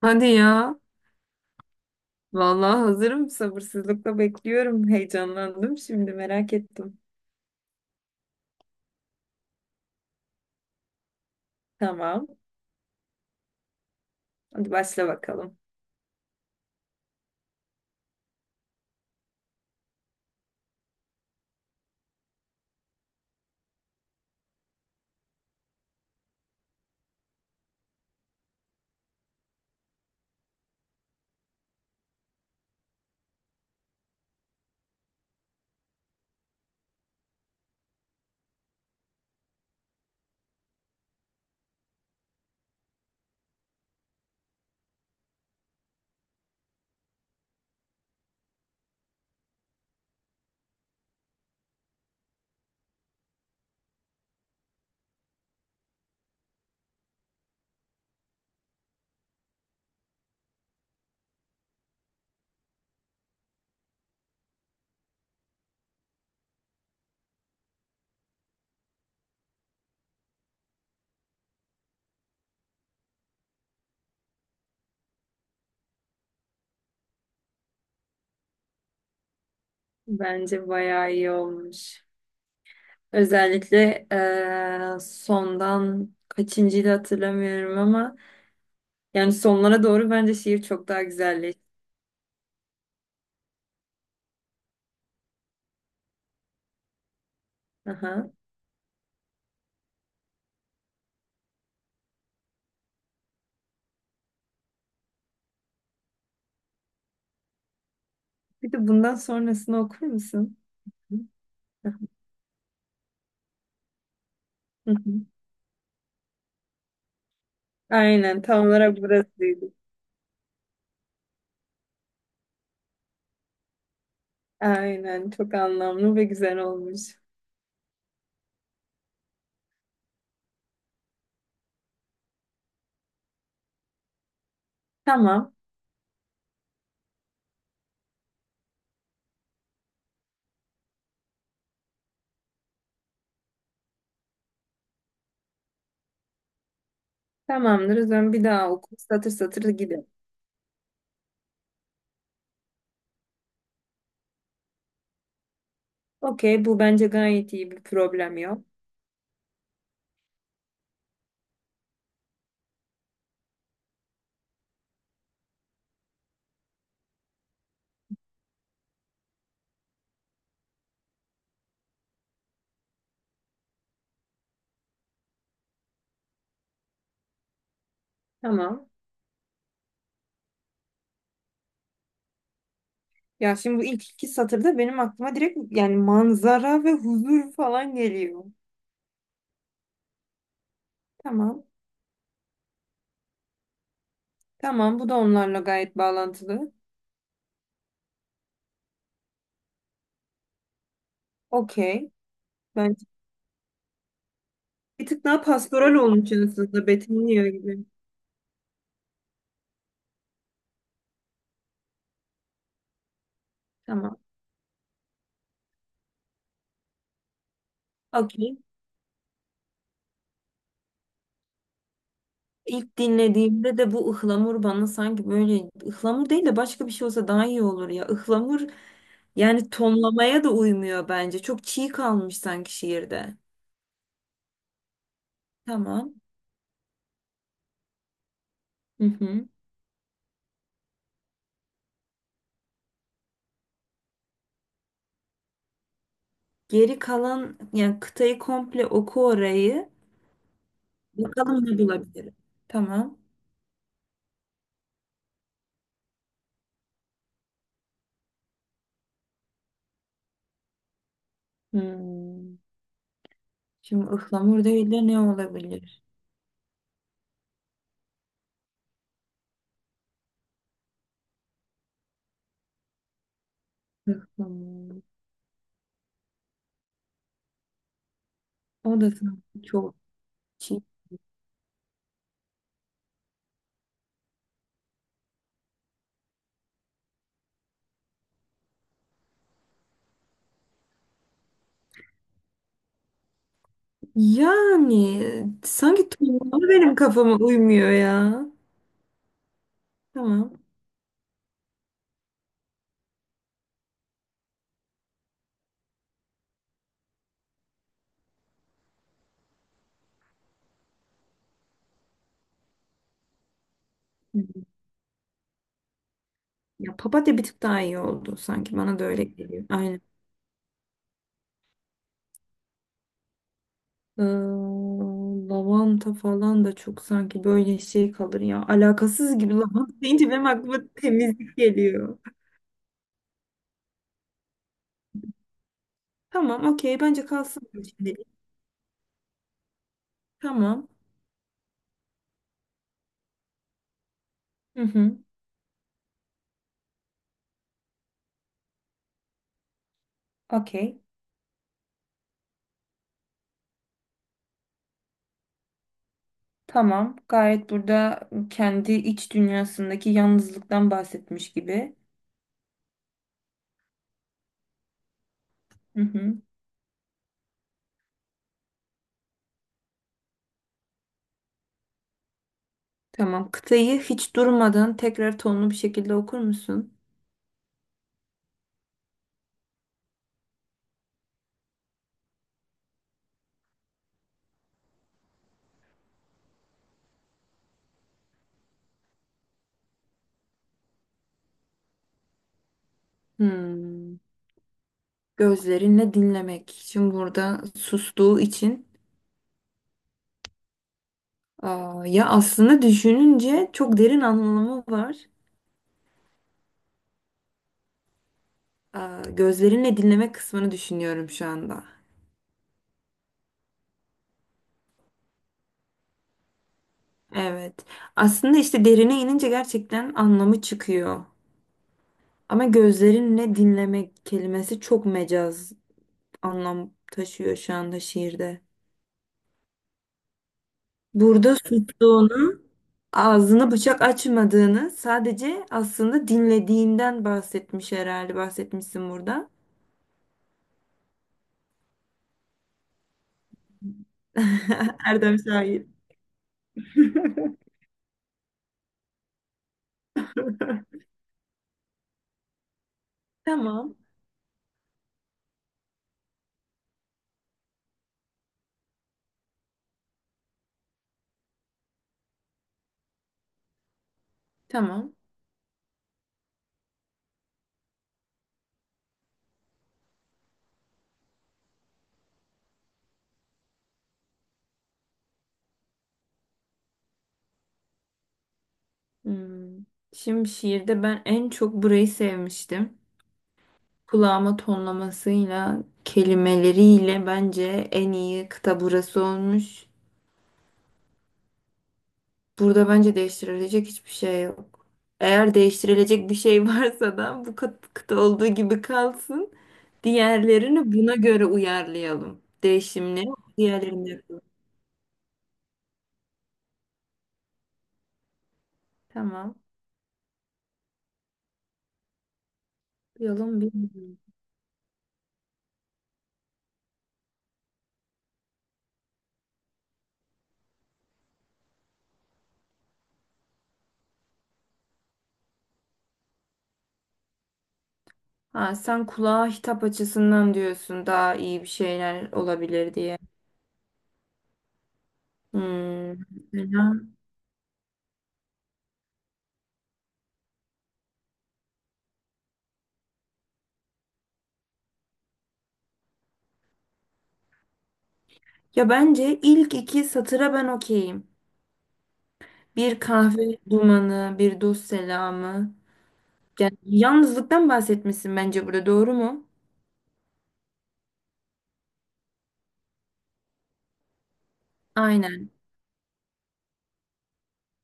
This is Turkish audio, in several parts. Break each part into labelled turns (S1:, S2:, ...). S1: Hadi ya. Vallahi hazırım. Sabırsızlıkla bekliyorum. Heyecanlandım şimdi merak ettim. Tamam. Hadi başla bakalım. Bence bayağı iyi olmuş. Özellikle sondan kaçıncıydı hatırlamıyorum ama yani sonlara doğru bence şiir çok daha güzelleşti. Aha. Bir de bundan sonrasını okur musun? Hı hı. Aynen tam olarak burasıydı. Aynen çok anlamlı ve güzel olmuş. Tamam. Tamamdır. O zaman bir daha oku. Satır satır gidelim. Okey. Bu bence gayet iyi, bir problem yok. Tamam. Ya şimdi bu ilk iki satırda benim aklıma direkt yani manzara ve huzur falan geliyor. Tamam. Tamam. Bu da onlarla gayet bağlantılı. Okey. Ben bir tık daha pastoral olmuş aslında. Betimliyor gibi. Tamam. Okey. İlk dinlediğimde de bu ıhlamur bana sanki böyle ıhlamur değil de başka bir şey olsa daha iyi olur ya. Ihlamur. Yani tonlamaya da uymuyor bence. Çok çiğ kalmış sanki şiirde. Tamam. Hı hı. Geri kalan yani kıtayı komple oku orayı. Bakalım ne bulabilirim. Tamam. Hmm. Şimdi ıhlamur değil de ne olabilir? Ihlamur. O da sanki çok çiğ. Yani sanki tonlama benim kafama uymuyor ya. Tamam. Hı hı. Ya papatya bir tık daha iyi oldu sanki, bana da öyle geliyor. Aynen. Ee, Lavanta falan da çok sanki böyle şey kalır ya. Alakasız gibi lavanta deyince benim aklıma temizlik geliyor. Tamam, okey. Bence kalsın bu şimdilik. Tamam. Hı hı. Okey. Tamam. Gayet burada kendi iç dünyasındaki yalnızlıktan bahsetmiş gibi. Hı hı. Tamam. Kıtayı hiç durmadan tekrar tonlu bir şekilde okur musun? Hmm. Gözlerinle dinlemek. Şimdi burada sustuğu için aa, ya aslında düşününce çok derin anlamı var. Aa, gözlerinle dinleme kısmını düşünüyorum şu anda. Evet. Aslında işte derine inince gerçekten anlamı çıkıyor. Ama gözlerinle dinlemek kelimesi çok mecaz anlam taşıyor şu anda şiirde. Burada sustuğunu, ağzını bıçak açmadığını sadece aslında dinlediğinden bahsetmiş herhalde. Bahsetmişsin burada. Erdem şair. Tamam. Tamam. Hmm. Şimdi şiirde ben en çok burayı sevmiştim. Kulağıma tonlamasıyla, kelimeleriyle bence en iyi kıta burası olmuş. Burada bence değiştirilecek hiçbir şey yok. Eğer değiştirilecek bir şey varsa da bu kıta olduğu gibi kalsın. Diğerlerini buna göre uyarlayalım. Değişimleri diğerlerine yapalım. Tamam. Yolun bilmiyorum. Ha, sen kulağa hitap açısından diyorsun daha iyi bir şeyler olabilir diye. Hmm, mesela- Ya bence ilk iki satıra ben okeyim. Bir kahve dumanı, bir dost selamı. Yani yalnızlıktan bahsetmişsin bence burada, doğru mu? Aynen.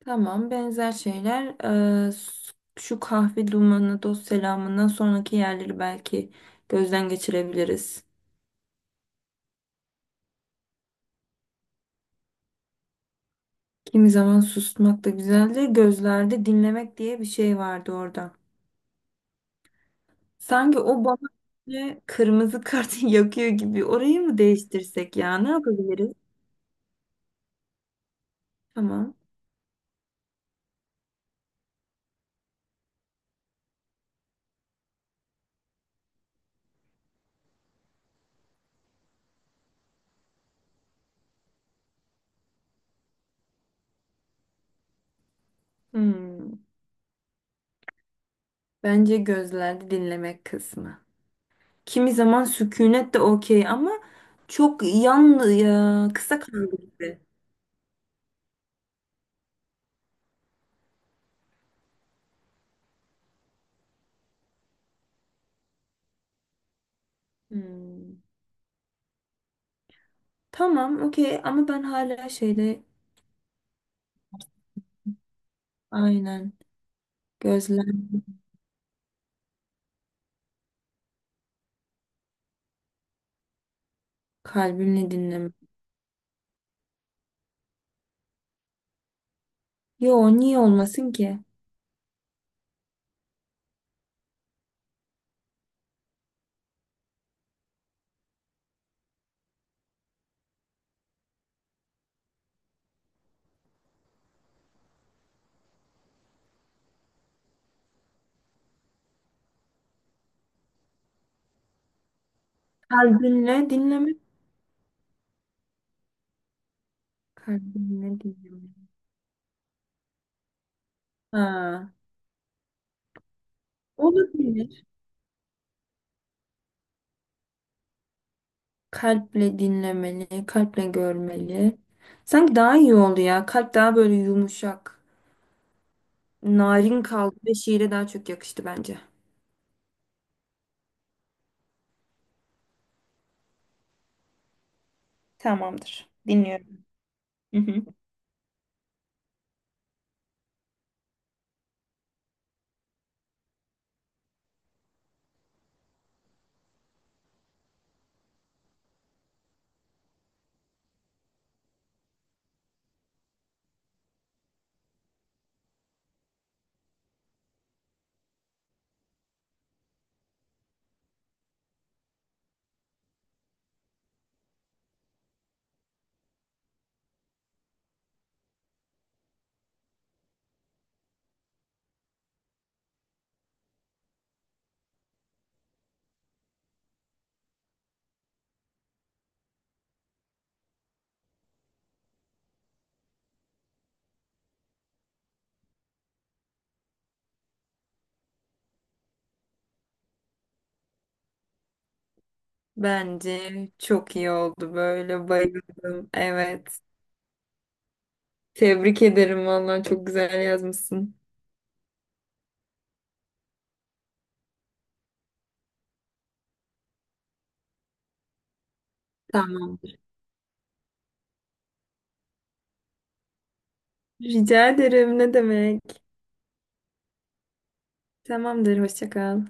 S1: Tamam, benzer şeyler. Ee, s- Şu kahve dumanı, dost selamından sonraki yerleri belki gözden geçirebiliriz. Kimi zaman susmak da güzeldir. Gözlerde dinlemek diye bir şey vardı orada. Sanki o bana böyle kırmızı kartı yakıyor gibi. Orayı mı değiştirsek ya? Ne yapabiliriz? Tamam. Hmm. Bence gözlerde dinlemek kısmı. Kimi zaman sükunet de okey ama çok yan ya, kısa kaldı gibi. Hmm. Tamam, okey ama ben hala şeyde aynen gözler kalbimle dinleme. Yo niye olmasın ki? Kalbinle dinleme. Kalbinle dinleme. Ha. Olabilir. Kalple dinlemeli, kalple görmeli. Sanki daha iyi oldu ya. Kalp daha böyle yumuşak, narin kaldı ve şiire daha çok yakıştı bence. Tamamdır. Dinliyorum. Hı hı. Bence çok iyi oldu, böyle bayıldım. Evet. Tebrik ederim vallahi çok güzel yazmışsın. Tamam. Rica ederim, ne demek. Tamamdır, hoşça kal.